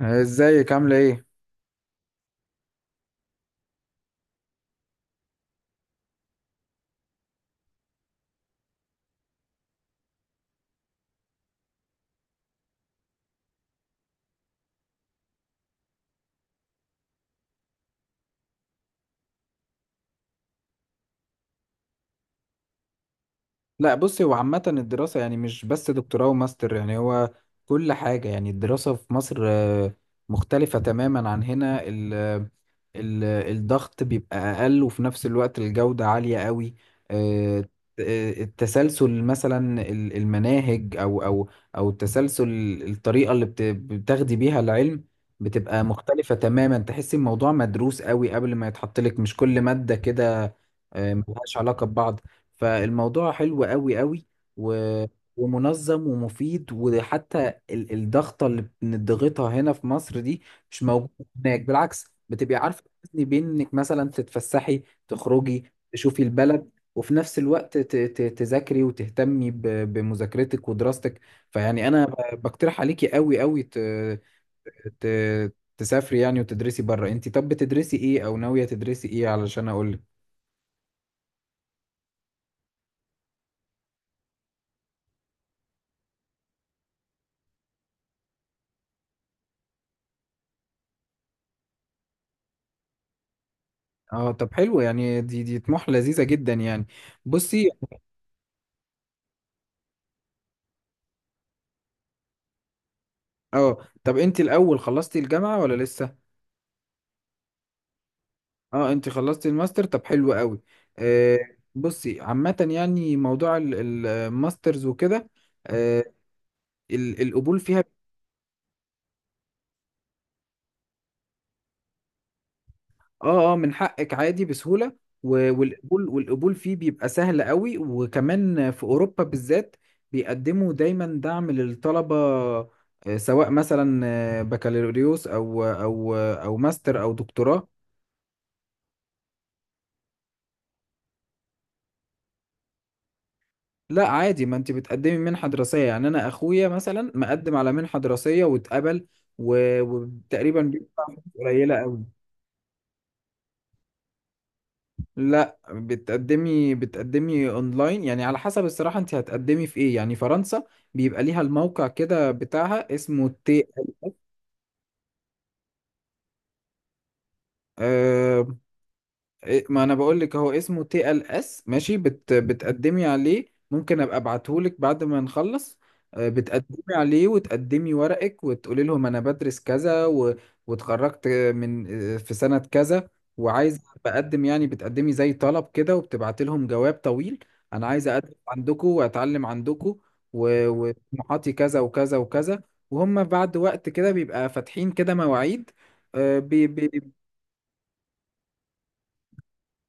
ازيك عاملة ايه؟ لا بصي، هو عامة الدراسة يعني مش بس دكتوراه وماستر. يعني هو كل حاجة، يعني الدراسة في مصر مختلفة تماما عن هنا. ال الضغط بيبقى أقل، وفي نفس الوقت الجودة عالية قوي. آه، التسلسل مثلا، المناهج، أو أو التسلسل، الطريقة اللي بتاخدي بيها العلم بتبقى مختلفة تماما. تحسي الموضوع مدروس قوي قبل ما يتحط لك، مش كل مادة كده ملهاش علاقة ببعض. فالموضوع حلو قوي قوي و... ومنظم ومفيد. وحتى الضغطة اللي بنضغطها هنا في مصر دي مش موجودة هناك. بالعكس، بتبقي عارفة توازني بين انك مثلا تتفسحي، تخرجي، تشوفي البلد، وفي نفس الوقت تذاكري وتهتمي بمذاكرتك ودراستك. فيعني انا بقترح عليكي قوي قوي ت... تسافري يعني وتدرسي بره. انت طب بتدرسي ايه او ناوية تدرسي ايه علشان اقول؟ اه طب حلو، يعني دي طموح لذيذة جدا يعني. بصي، اه طب انت الاول خلصتي الجامعة ولا لسه؟ اه انت خلصتي الماستر، طب حلو قوي. آه. بصي عامة يعني موضوع الماسترز وكده، آه، القبول فيها، اه اه من حقك عادي بسهولة. والقبول، والقبول فيه بيبقى سهل قوي، وكمان في اوروبا بالذات بيقدموا دايما دعم للطلبة. سواء مثلا بكالوريوس او او ماستر او دكتوراه. لا عادي، ما انت بتقدمي منحة دراسية. يعني انا اخويا مثلا مقدم على منحة دراسية واتقبل، وتقريبا بيدفع فلوس قليلة قوي. لا بتقدمي اونلاين، يعني على حسب. الصراحة انت هتقدمي في ايه؟ يعني فرنسا بيبقى ليها الموقع كده بتاعها، اسمه تي. ما انا بقول لك، هو اسمه تي ال اس. ماشي؟ بتقدمي عليه، ممكن ابقى ابعته لك بعد ما نخلص. بتقدمي عليه وتقدمي ورقك وتقولي لهم انا بدرس كذا واتخرجت من في سنة كذا، وعايز بقدم. يعني بتقدمي زي طلب كده، وبتبعتي لهم جواب طويل، انا عايز اقدم عندكم واتعلم عندكم، وطموحاتي كذا وكذا وكذا. وهم بعد وقت كده بيبقى فاتحين كده مواعيد.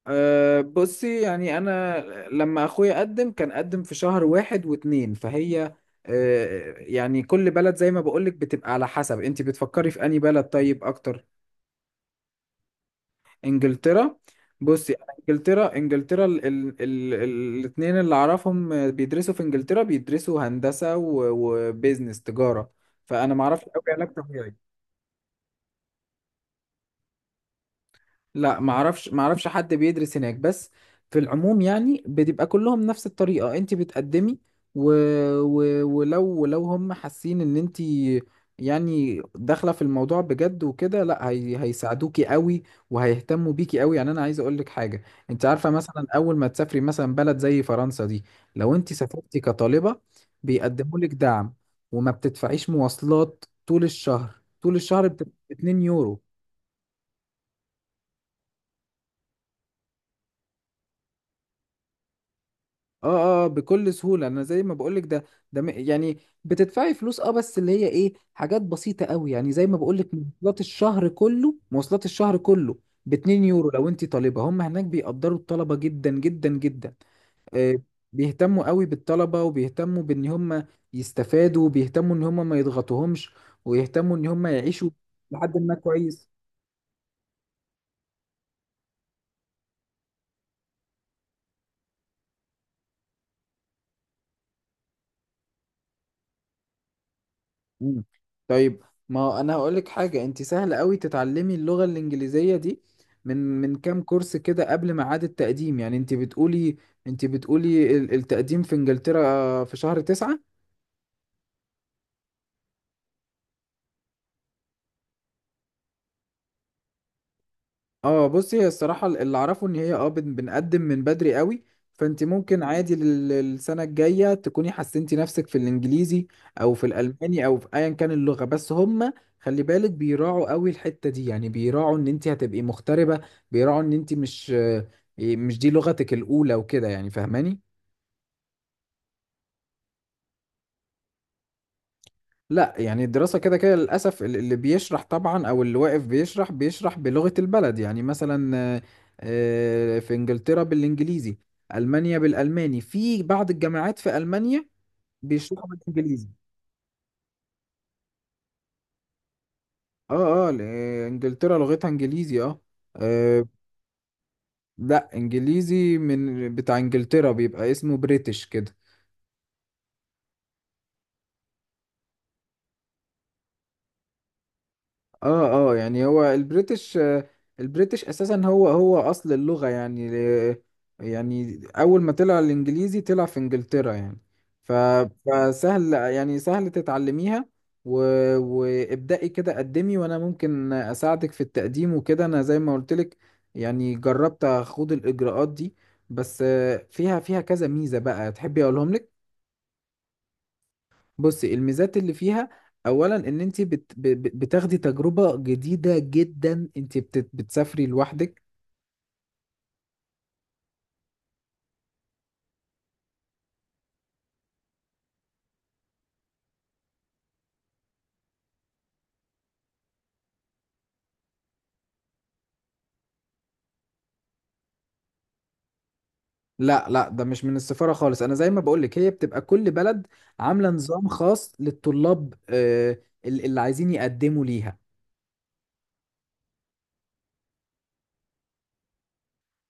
أه بصي، يعني أنا لما أخويا قدم كان قدم في شهر واحد واتنين. فهي أه، يعني كل بلد زي ما بقولك بتبقى على حسب. أنت بتفكري في أنهي بلد طيب أكتر؟ إنجلترا. بصي أنا، إنجلترا، إنجلترا ال الاتنين اللي أعرفهم بيدرسوا في إنجلترا بيدرسوا هندسة وبيزنس، تجارة. فأنا معرفش أوي علاج طبيعي. لا معرفش حد بيدرس هناك. بس في العموم يعني بتبقى كلهم نفس الطريقة، انت بتقدمي و... ولو، هم حاسين ان انت يعني داخلة في الموضوع بجد وكده، لا هيساعدوكي قوي وهيهتموا بيكي قوي. يعني انا عايز اقولك حاجة، انت عارفة مثلا اول ما تسافري مثلا بلد زي فرنسا دي، لو انت سافرتي كطالبة بيقدموا لك دعم. وما بتدفعيش مواصلات طول الشهر، طول الشهر بتبقى 2 يورو. اه اه بكل سهولة. انا زي ما بقولك، ده ده يعني بتدفعي فلوس اه، بس اللي هي ايه، حاجات بسيطة قوي يعني. زي ما بقولك، مواصلات الشهر كله، مواصلات الشهر كله ب 2 يورو لو انت طالبة. هم هناك بيقدروا الطلبة جدا جدا جدا. آه. بيهتموا قوي بالطلبة، وبيهتموا بان هم يستفادوا، وبيهتموا ان هم ما يضغطوهمش، ويهتموا ان هم يعيشوا لحد ما كويس. مم. طيب، ما انا هقول لك حاجه، انت سهل قوي تتعلمي اللغه الانجليزيه دي، من من كام كورس كده قبل ميعاد التقديم. يعني انت بتقولي، انت بتقولي التقديم في انجلترا في شهر 9. اه بصي، هي الصراحة اللي اعرفه ان هي اه بنقدم من بدري قوي. فانت ممكن عادي للسنة الجاية تكوني حسنتي نفسك في الانجليزي او في الالماني او في ايا كان اللغة. بس هم خلي بالك بيراعوا قوي الحتة دي. يعني بيراعوا ان انت هتبقي مغتربة، بيراعوا ان انت مش دي لغتك الاولى وكده، يعني فاهماني؟ لا يعني الدراسة كده كده للأسف اللي بيشرح طبعا، أو اللي واقف بيشرح بيشرح بلغة البلد. يعني مثلا في إنجلترا بالإنجليزي، ألمانيا بالألماني. في بعض الجامعات في ألمانيا بيشرحوا بالإنجليزي. اه اه، إنجلترا لغتها إنجليزي اه. آه. لا إنجليزي من بتاع إنجلترا، بيبقى اسمه بريتش كده. اه اه، يعني هو البريتش البريتش اساسا هو هو اصل اللغة. يعني يعني اول ما طلع الانجليزي طلع في انجلترا يعني. ف- فسهل، يعني سهل تتعلميها. و... وابدأي كده قدمي، وانا ممكن اساعدك في التقديم وكده. انا زي ما قلت لك، يعني جربت اخوض الاجراءات دي، بس فيها، فيها كذا ميزة بقى، تحبي اقولهم لك؟ بصي، الميزات اللي فيها اولا ان انت بتاخدي تجربه جديده جدا، انت بتسافري لوحدك. لا ده مش من السفاره خالص، انا زي ما بقولك هي بتبقى كل بلد عامله نظام خاص للطلاب اللي عايزين يقدموا ليها.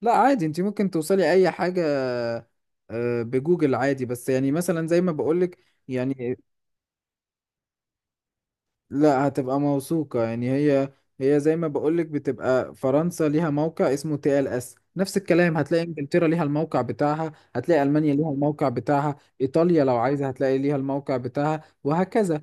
لا عادي، انت ممكن توصلي اي حاجه بجوجل عادي. بس يعني مثلا زي ما بقولك يعني. لا هتبقى موثوقة، يعني هي، هي زي ما بقولك بتبقى فرنسا ليها موقع اسمه تي ال اس، نفس الكلام هتلاقي انجلترا ليها الموقع بتاعها، هتلاقي المانيا ليها الموقع بتاعها، ايطاليا لو عايزة هتلاقي ليها الموقع بتاعها، وهكذا.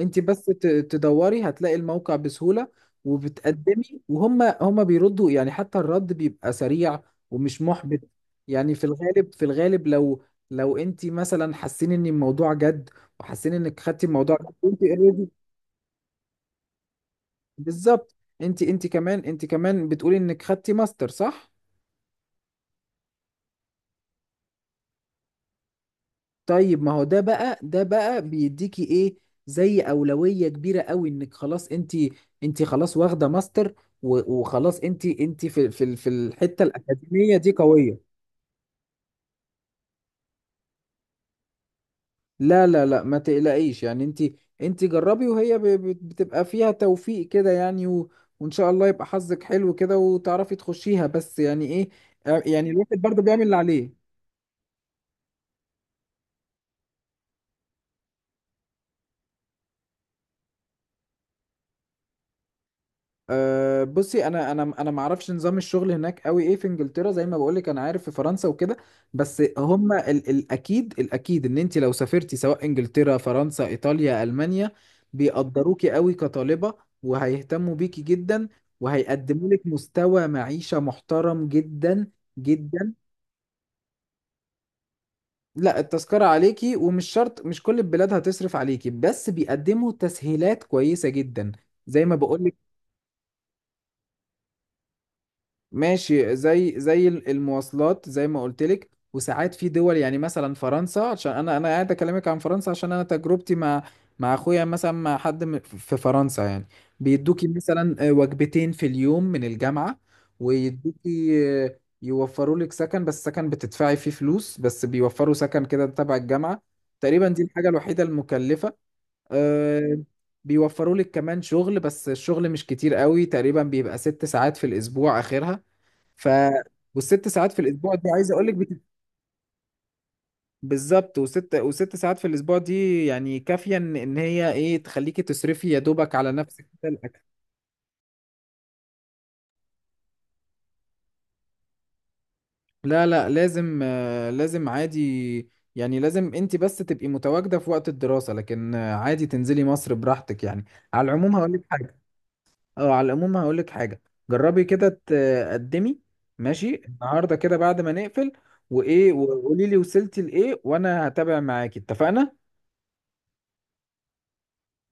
انت بس تدوري هتلاقي الموقع بسهولة، وبتقدمي، وهم بيردوا. يعني حتى الرد بيبقى سريع ومش محبط. يعني في الغالب، في الغالب لو، لو انت مثلا حاسين ان الموضوع جد، وحاسين انك خدتي الموضوع جد، وانت already. بالظبط. انت كمان بتقولي انك خدتي ماستر صح؟ طيب ما هو ده بقى، ده بقى بيديكي ايه زي اولوية كبيرة قوي، انك خلاص انت، انت خلاص واخدة ماستر، وخلاص انت، انت في في الحتة الأكاديمية دي قوية. لا ما تقلقيش، يعني انت، انت جربي، وهي بتبقى فيها توفيق كده يعني، و وان شاء الله يبقى حظك حلو كده وتعرفي تخشيها. بس يعني ايه، يعني الواحد برضه بيعمل اللي عليه. أه بصي، انا ما اعرفش نظام الشغل هناك قوي ايه في انجلترا. زي ما بقولك انا عارف في فرنسا وكده. بس هم الاكيد، الاكيد ان انت لو سافرتي سواء انجلترا، فرنسا، ايطاليا، المانيا، بيقدروكي قوي كطالبة، وهيهتموا بيكي جدا، وهيقدموا لك مستوى معيشة محترم جدا جدا. لا التذكرة عليكي، ومش شرط مش كل البلاد هتصرف عليكي، بس بيقدموا تسهيلات كويسة جدا زي ما بقولك. ماشي، زي المواصلات زي ما قلت لك. وساعات في دول يعني، مثلا فرنسا، عشان انا قاعد اكلمك عن فرنسا عشان انا تجربتي مع، مع اخويا مثلا، مع حد في فرنسا يعني. بيدوكي مثلا وجبتين في اليوم من الجامعة، ويدوكي يوفروا لك سكن، بس سكن بتدفعي فيه فلوس، بس بيوفروا سكن كده تبع الجامعة. تقريبا دي الحاجة الوحيدة المكلفة آه، بيوفروا لك كمان شغل، بس الشغل مش كتير قوي. تقريبا بيبقى ست ساعات في الأسبوع آخرها. ف والست ساعات في الاسبوع دي عايز اقول لك بالظبط. وست، وست ساعات في الاسبوع دي يعني كافيه ان إن هي ايه تخليكي تصرفي يا دوبك على نفسك كده، الاكل. لا لازم لازم عادي، يعني لازم انت بس تبقي متواجده في وقت الدراسه. لكن عادي تنزلي مصر براحتك يعني. على العموم هقول لك حاجه، اه على العموم هقول لك حاجه، جربي كده تقدمي ماشي النهارده كده بعد ما نقفل، وايه وقولي لي وصلتي لايه، وانا هتابع معاكي، اتفقنا؟